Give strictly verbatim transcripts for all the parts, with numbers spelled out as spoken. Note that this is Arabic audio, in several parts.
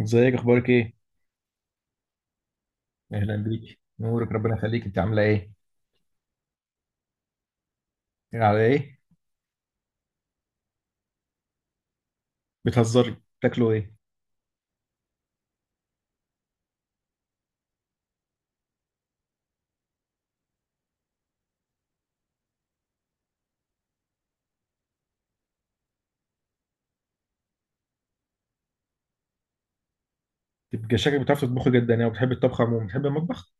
ازيك، اخبارك ايه؟ اهلا بيك، نورك، ربنا يخليك، انت عامله ايه؟ ايه على ايه؟ بتهزري؟ بتاكلوا ايه؟ تبقى شكلك بتعرف تطبخي جدا يعني، وبتحب الطبخ عموما، بتحب المطبخ؟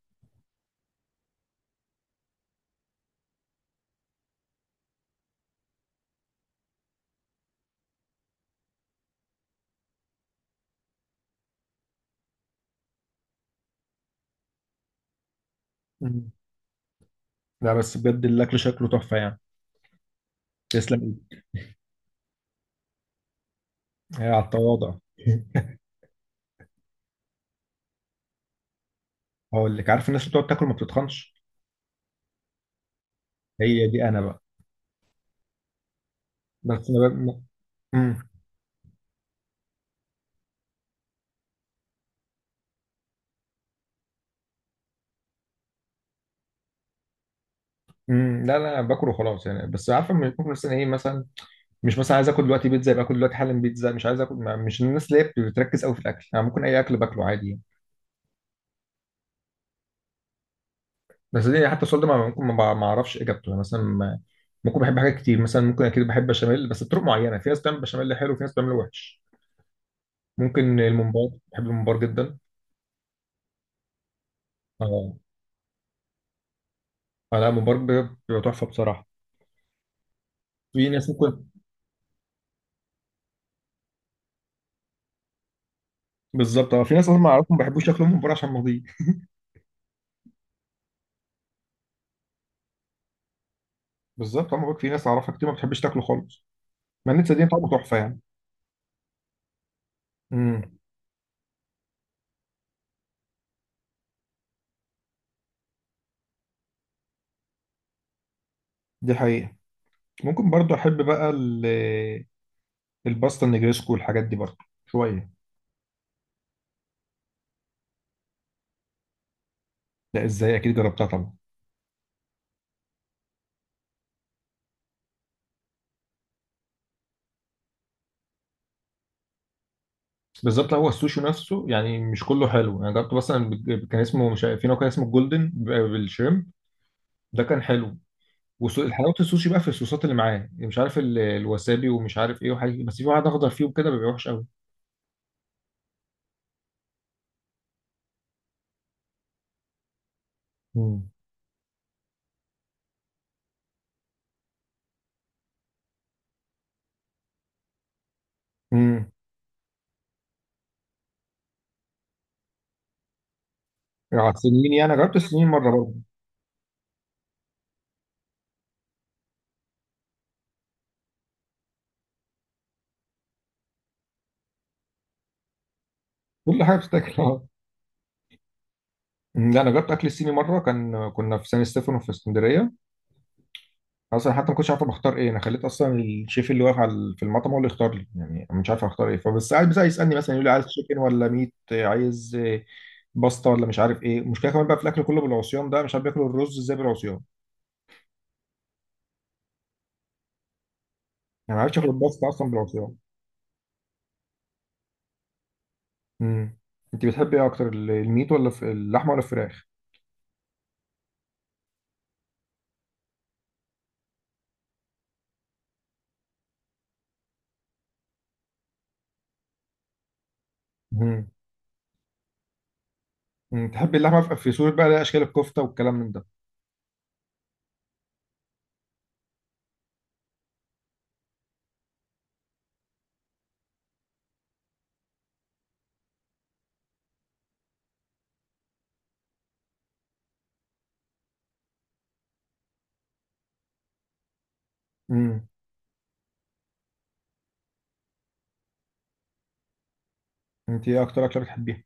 مم. لا بس بجد الاكل شكله تحفه يعني. تسلم ايدك. هي على التواضع. هقول لك، عارف الناس اللي بتقعد تاكل ما بتتخنش؟ هي دي انا بقى. بس انا بقى. مم. مم. لا لا، أنا باكل وخلاص يعني، بس عارفه لما يكون مثلا ايه، مثلا مش مثلا عايز اكل دلوقتي بيتزا يبقى اكل دلوقتي حالا بيتزا، مش عايز اكل ما- مش الناس اللي هي بتركز قوي في الاكل يعني، ممكن اي اكل باكله عادي يعني. بس دي حتى السؤال ده ما- ممكن ما بع- ما اعرفش اجابته يعني، مثلا ما- ممكن بحب حاجات كتير، مثلا ممكن اكيد بحب بشاميل بس بطرق معينه، في ناس بتعمل بشاميل حلو وفي ناس بتعمله وحش. ممكن الممبار، بحب الممبار جدا. اه. آه، لا الممبار بيبقى بيبقى تحفه بصراحه. في ناس ممكن. بالظبط، اه في ناس اصلا ما اعرفهم ما بيحبوش ياكلوا الممبار عشان ماضيه. بالظبط، انا بقول في ناس اعرفها كتير ما بتحبش تاكله خالص، مع ان دي طعمه تحفه يعني. امم. دي حقيقه. ممكن برضو احب بقى ال- الباستا النجريسكو والحاجات دي برضو شويه. لا ازاي، اكيد جربتها طبعا. بالظبط، هو السوشي نفسه يعني مش كله حلو، انا جربت مثلا بج- كان اسمه مش عارف- في نوع كان اسمه الجولدن ب- بالشريمب، ده كان حلو. وحلاوه السوشي بقى في الصوصات اللي معاه، مش عارف ال- الوسابي ومش عارف ايه وحاجه، بس في واحد اخضر فيه وكده بيبقى وحش قوي. مم. امم. على السنين يعني، أنا جربت السنين مره برضه. كل حاجه بتتاكل. اه. أمم، لا انا جربت اكل الصيني مره، كان كنا في سان ستيفانو في اسكندريه، اصلا حتى ما كنتش عارف أنا بختار ايه، انا خليت اصلا الشيف اللي واقف على في المطعم هو اللي يختار لي يعني، أنا مش عارف اختار ايه، فبس قاعد بس يسالني مثلا يقول لي عايز تشيكن ولا ميت، عايز آه، باستا ولا مش عارف ايه. المشكله كمان بقى في الاكل كله بالعصيان ده، مش عارف بياكلوا الرز ازاي بالعصيان. يعني ما عرفتش اكل الباستا اصلا بالعصيان. امم. انت بتحبي ايه اكتر، ال- الميت ولا في اللحمه ولا الفراخ؟ امم. أمم. تحبي اللحمه في في صوره بقى ليها اشكال، الكفته والكلام من ده؟ امم. انت ايه اكتر اكله بتحبيها؟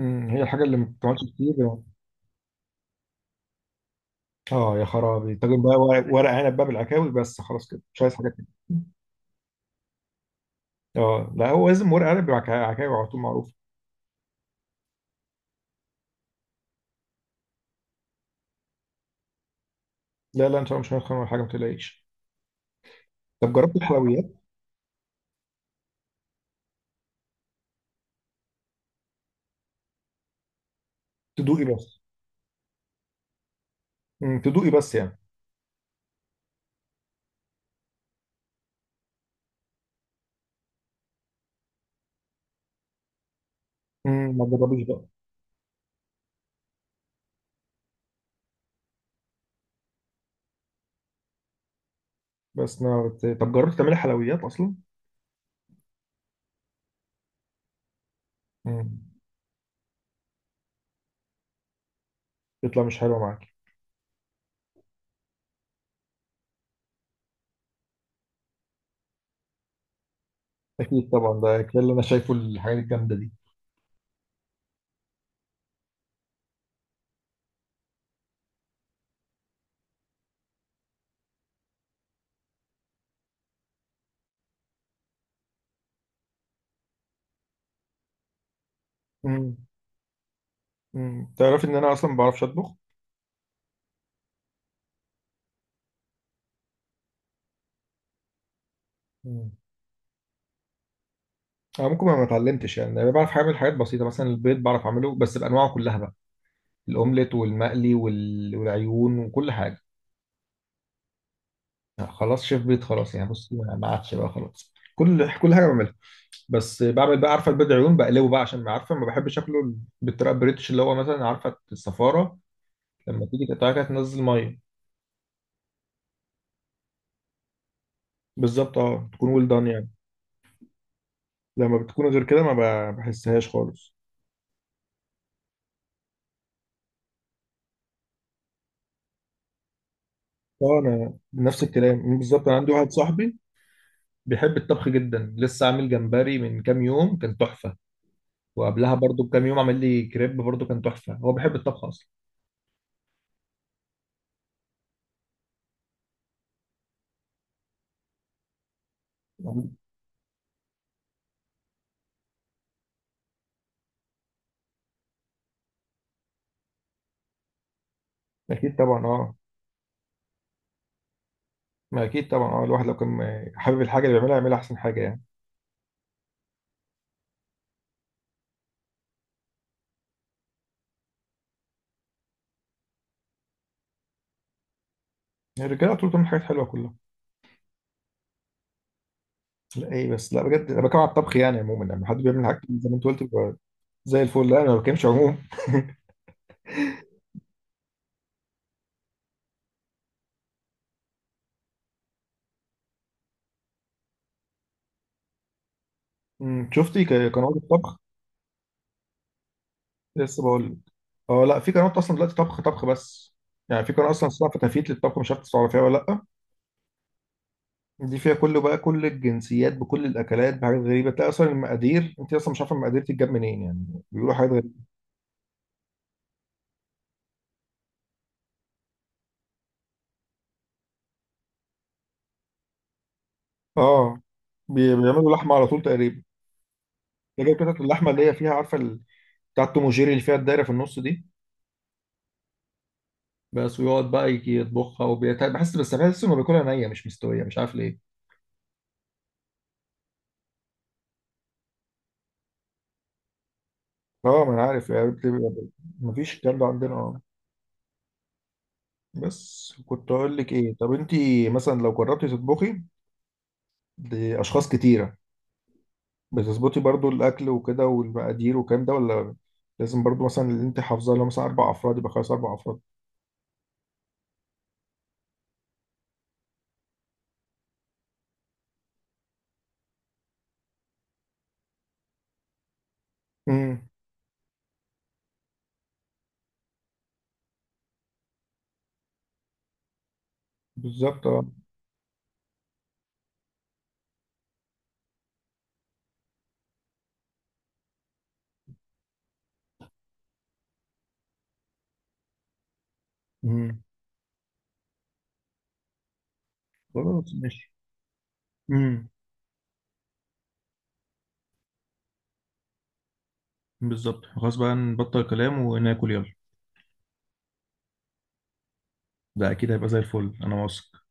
امم هي الحاجه اللي ما بتتعملش كتير. اه يا خرابي، تاكل بقى ورق ورق عنب بقى بالعكاوي، بس خلاص كده مش عايز حاجات تانية. اه لا هو لازم ورق عنب بالعكاوي، عكاوي على طول معروف. لا لا، ان شاء الله مش هنخن ولا حاجه، ما تقلقيش. طب جربت الحلويات؟ تدوقي بس. امم تدوقي بس يعني. امم ما تجربيش بقى. بس ما بت... طب جربت تعملي حلويات اصلا؟ امم تطلع مش حلوه معاك؟ اكيد طبعا، ده كل اللي انا شايفه الحاجات الجامده دي. امم امم تعرف ان انا اصلا ما بعرفش اطبخ. امم انا ممكن ما ما اتعلمتش يعني، انا بعرف اعمل حاجات بسيطه مثلا البيض بعرف اعمله بس بانواعه كلها بقى. الاومليت والمقلي وال- والعيون وكل حاجه. خلاص شيف بيت خلاص يعني، بص ما ما عادش بقى خلاص، كل كل حاجه بعملها. بس بعمل بقى عارفه البيض عيون بقلبه بقى عشان ما عارفه ما بحبش اكله بالطريقه البريتش، اللي هو مثلا عارفه الصفاره لما تيجي تقطعها كده تنزل ميه. بالظبط اه، تكون ويل دان يعني. لما بتكون غير كده، ما ب- بحسهاش خالص. اه انا نفس الكلام بالظبط، انا عندي واحد صاحبي بيحب الطبخ جدا، لسه عامل جمبري من كام يوم كان تحفه، وقبلها برضو بكام يوم عمل لي كريب برضو كان تحفه، هو بيحب الطبخ اصلا. اكيد طبعا اه، ما اكيد طبعا اه الواحد لو كان حابب الحاجه اللي بيعملها يعملها احسن حاجه يعني. يعني الرجاله طول بتعمل حاجات حلوه كلها. لا ايه بس، لا بجد انا بتكلم على الطبخ يعني عموما، لما حد بيعمل حاجه زي ما انت قلت بيبقى زي الفل. لا انا ما بتكلمش عموما. أمم، شفتي ك- قنوات الطبخ؟ لسه بقول لك. اه لا في قنوات اصلا دلوقتي طبخ طبخ بس. يعني في قناه اصلا اسمها فتافيت للطبخ، مش عارف تعرفيها ولا لا. دي فيها كله بقى، كل الجنسيات بكل الاكلات بحاجات غريبه، تلاقي اصلا المقادير، انت اصلا مش عارفه المقادير تتجاب منين يعني. بيقولوا حاجات. اه بي- بيعملوا لحمه على طول تقريبا. ده جايب قطعه اللحمه اللي هي فيها، عارفه ال- بتاعه توم وجيري اللي فيها الدايره في النص دي. بس ويقعد بقى يجي يطبخها، وبيت... بحس، بس بحس انه بياكلها نيه مش مستويه، مش عارف ليه. اه ما انا عارف يعني، بتبقى- مفيش الكلام ده عندنا اه. بس كنت اقول لك ايه، طب انت مثلا لو جربتي تطبخي لاشخاص كتيره، بتظبطي برضو الاكل وكده والمقادير والكلام ده، ولا لازم برضو مثلا اللي انت حافظاه لو مثلا اربع افراد يبقى خلاص اربع افراد؟ امم. بالظبط اه. امم خلاص ماشي. امم بالظبط، خلاص بقى نبطل كلام وناكل يلا. ده اكيد هيبقى زي الفل انا واثق.